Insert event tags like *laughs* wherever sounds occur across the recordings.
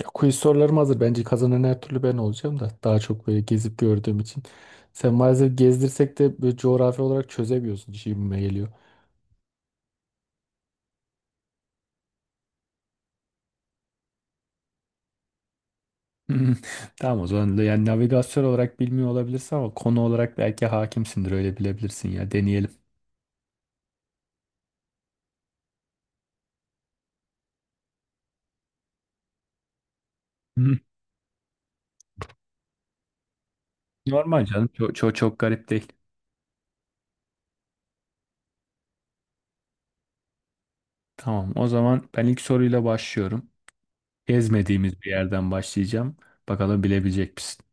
Ya, Quiz sorularım hazır. Bence kazanan her türlü ben olacağım da. Daha çok böyle gezip gördüğüm için. Sen maalesef gezdirsek de böyle coğrafi olarak çözemiyorsun. Şimdime geliyor. *laughs* Hmm. Tamam o zaman da yani navigasyon olarak bilmiyor olabilirsin ama konu olarak belki hakimsindir öyle bilebilirsin ya deneyelim. *laughs* Hı. Normal canım çok, çok, çok garip değil. Tamam o zaman ben ilk soruyla başlıyorum. Gezmediğimiz bir yerden başlayacağım. Bakalım bilebilecek misin?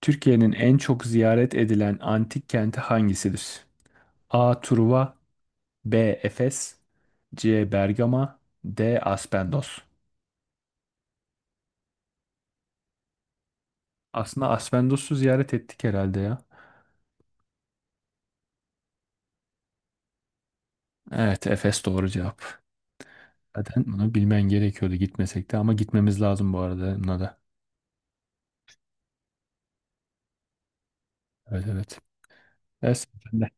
Türkiye'nin en çok ziyaret edilen antik kenti hangisidir? A. Truva B. Efes C. Bergama D. Aspendos. Aslında Aspendos'u ziyaret ettik herhalde ya. Evet Efes doğru cevap. Zaten bunu bilmen gerekiyordu gitmesek de ama gitmemiz lazım bu arada buna da. Evet evet. Evet, sen de.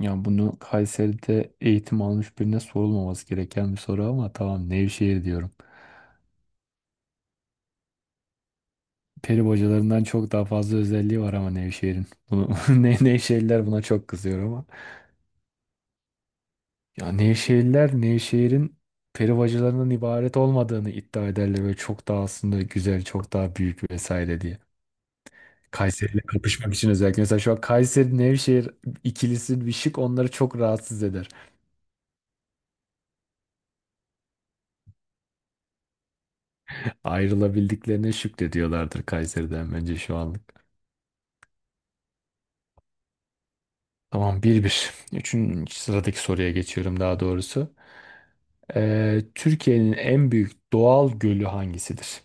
Ya bunu Kayseri'de eğitim almış birine sorulmaması gereken bir soru ama tamam Nevşehir diyorum. Peri bacalarından çok daha fazla özelliği var ama Nevşehir'in. Bunu, *laughs* Nevşehirliler buna çok kızıyor ama. Ya Nevşehirler Nevşehir'in perivacılarından ibaret olmadığını iddia ederler ve çok daha aslında güzel, çok daha büyük vesaire diye. Kayseri'yle kapışmak için özellikle. Mesela şu an Kayseri Nevşehir ikilisi bir şık onları çok rahatsız eder. Ayrılabildiklerine şükrediyorlardır Kayseri'den bence şu anlık. Tamam bir. 1 Üçüncü sıradaki soruya geçiyorum daha doğrusu. Türkiye'nin en büyük doğal gölü hangisidir?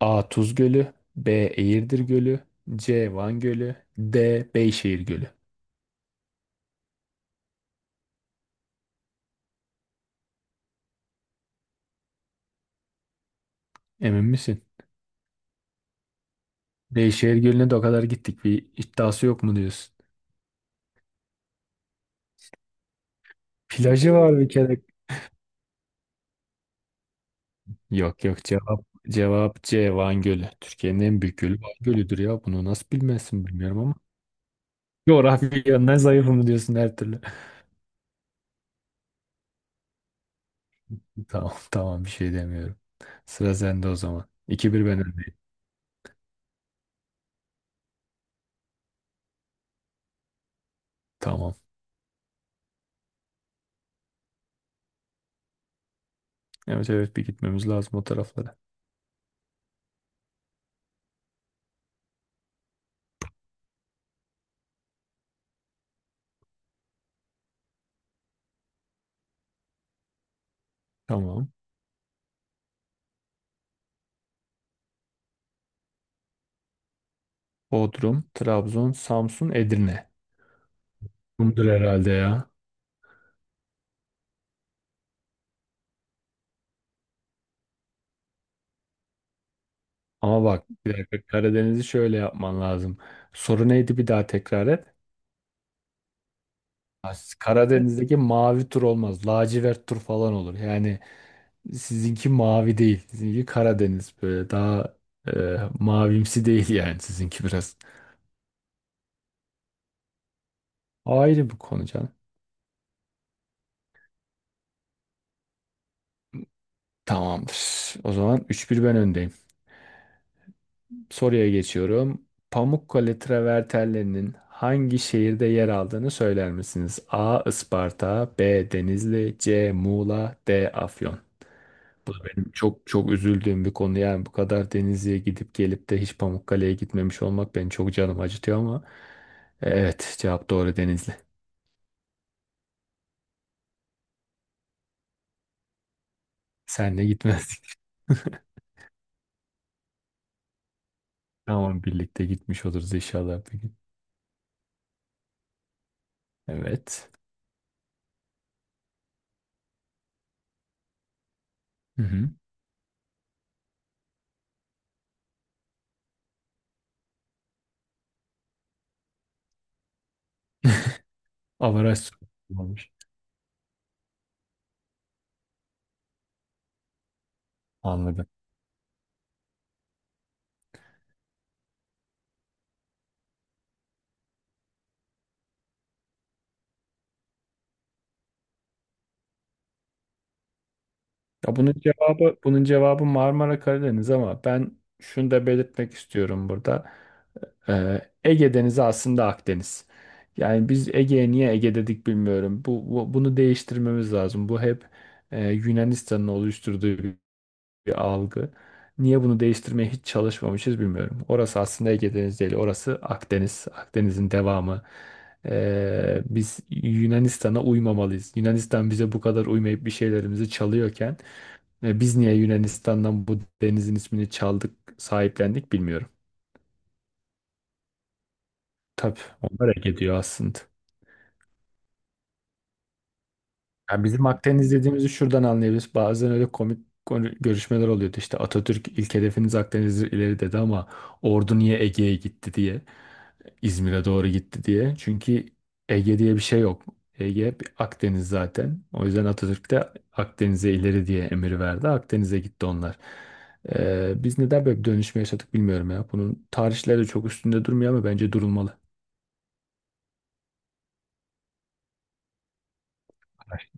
A. Tuz Gölü B. Eğirdir Gölü C. Van Gölü D. Beyşehir Gölü. Emin misin? Beyşehir Gölü'ne de o kadar gittik. Bir iddiası yok mu diyorsun? Plajı var bir kere. Yok yok cevap C. Van Gölü. Türkiye'nin en büyük gölü Van Gölü'dür ya. Bunu nasıl bilmezsin bilmiyorum ama. Coğrafya yönden zayıf mı diyorsun her türlü? *laughs* Tamam tamam bir şey demiyorum. Sıra sende o zaman. 2 bir ben öndeyim. Tamam. Evet evet bir gitmemiz lazım o taraflara. Tamam. Bodrum, Trabzon, Samsun, Edirne. Bundur herhalde ya. Ama bak bir dakika Karadeniz'i şöyle yapman lazım. Soru neydi bir daha tekrar et. Ha, Karadeniz'deki mavi tur olmaz. Lacivert tur falan olur. Yani sizinki mavi değil. Sizinki Karadeniz böyle daha mavimsi değil yani sizinki biraz. Ayrı bir konu canım. Tamamdır. O zaman 3-1 ben öndeyim. Soruya geçiyorum. Pamukkale travertenlerinin hangi şehirde yer aldığını söyler misiniz? A. Isparta, B. Denizli, C. Muğla, D. Afyon. Bu da benim çok çok üzüldüğüm bir konu. Yani bu kadar Denizli'ye gidip gelip de hiç Pamukkale'ye gitmemiş olmak beni çok canım acıtıyor ama evet cevap doğru Denizli. Senle gitmezdik. *laughs* Tamam birlikte gitmiş oluruz inşallah bir gün. Evet. Hı hı. *laughs* Avaraj olmuş. Anladım. Ya bunun cevabı Marmara Karadeniz ama ben şunu da belirtmek istiyorum burada. Ege Denizi aslında Akdeniz. Yani biz Ege'ye niye Ege dedik bilmiyorum. Bunu değiştirmemiz lazım. Bu hep Yunanistan'ın oluşturduğu bir algı. Niye bunu değiştirmeye hiç çalışmamışız bilmiyorum. Orası aslında Ege Denizi değil, orası Akdeniz. Akdeniz'in devamı. Biz Yunanistan'a uymamalıyız. Yunanistan bize bu kadar uymayıp bir şeylerimizi çalıyorken biz niye Yunanistan'dan bu denizin ismini çaldık, sahiplendik bilmiyorum. Tabii onlar Ege diyor aslında. Yani bizim Akdeniz dediğimizi şuradan anlayabiliriz. Bazen öyle komik görüşmeler oluyordu. İşte Atatürk ilk hedefiniz Akdeniz'dir ileri dedi ama ordu niye Ege'ye gitti diye. İzmir'e doğru gitti diye. Çünkü Ege diye bir şey yok. Ege bir Akdeniz zaten. O yüzden Atatürk de Akdeniz'e ileri diye emir verdi. Akdeniz'e gitti onlar. Biz neden böyle bir dönüşme yaşadık bilmiyorum ya. Bunun tarihleri çok üstünde durmuyor ama bence durulmalı.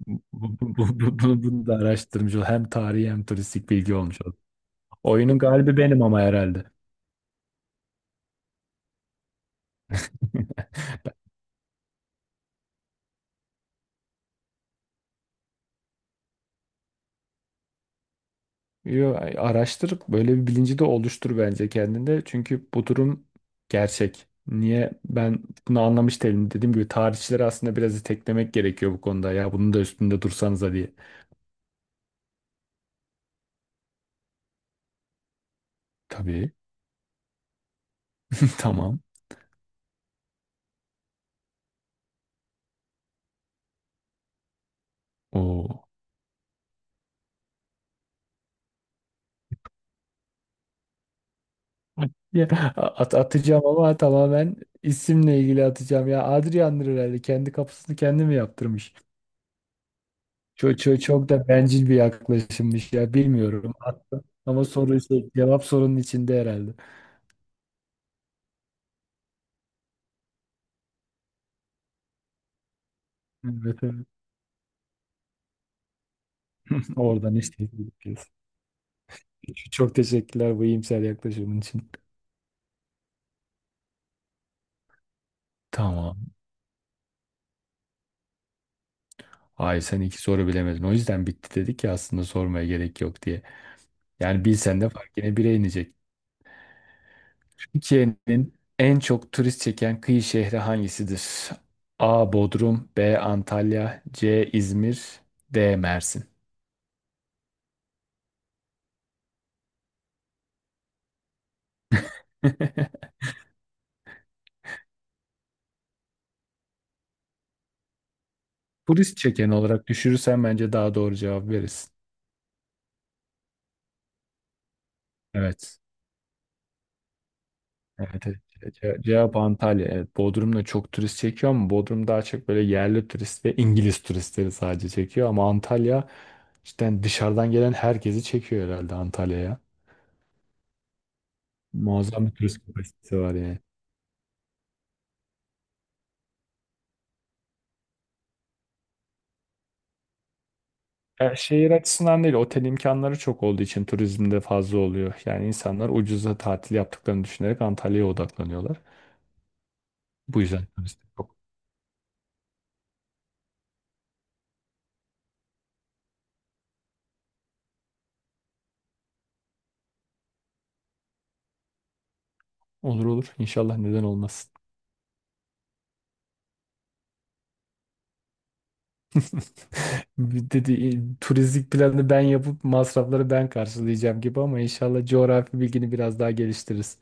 Bunu da araştırmış ol. Hem tarihi hem turistik bilgi olmuş oldu. Oyunun galibi benim ama herhalde. Yo, araştır böyle bir bilinci de oluştur bence kendinde. Çünkü bu durum gerçek. Niye ben bunu anlamış değilim. Dediğim gibi tarihçileri aslında biraz iteklemek gerekiyor bu konuda. Ya bunun da üstünde dursanıza diye. Tabii. *laughs* Tamam. Oo. Ya, atacağım ama tamamen isimle ilgili atacağım. Ya Adrian'dır herhalde. Kendi kapısını kendi mi yaptırmış? Çok, çok, çok da bencil bir yaklaşımmış ya. Bilmiyorum. Attım. Ama soru şey, cevap sorunun içinde herhalde. Evet, evet. Oradan işte gidiyoruz. Çok teşekkürler bu iyimser yaklaşımın için. Tamam. Ay sen iki soru bilemedin. O yüzden bitti dedik ya aslında sormaya gerek yok diye. Yani bilsen de fark yine bire inecek. Türkiye'nin en çok turist çeken kıyı şehri hangisidir? A. Bodrum B. Antalya C. İzmir D. Mersin. *laughs* Turist çeken olarak düşürürsen bence daha doğru cevap verirsin. Evet. Evet, evet. Cevap Antalya. Evet, Bodrum'da çok turist çekiyor ama Bodrum daha çok böyle yerli turist ve İngiliz turistleri sadece çekiyor. Ama Antalya cidden dışarıdan gelen herkesi çekiyor herhalde Antalya'ya. Muazzam bir turist kapasitesi var yani. Ya şehir açısından değil, otel imkanları çok olduğu için turizmde fazla oluyor. Yani insanlar ucuza tatil yaptıklarını düşünerek Antalya'ya odaklanıyorlar. Bu yüzden turist çok. Olur olur. İnşallah neden olmaz. *laughs* Dedi "E, turistik planı ben yapıp masrafları ben karşılayacağım gibi ama inşallah coğrafi bilgini biraz daha geliştiririz.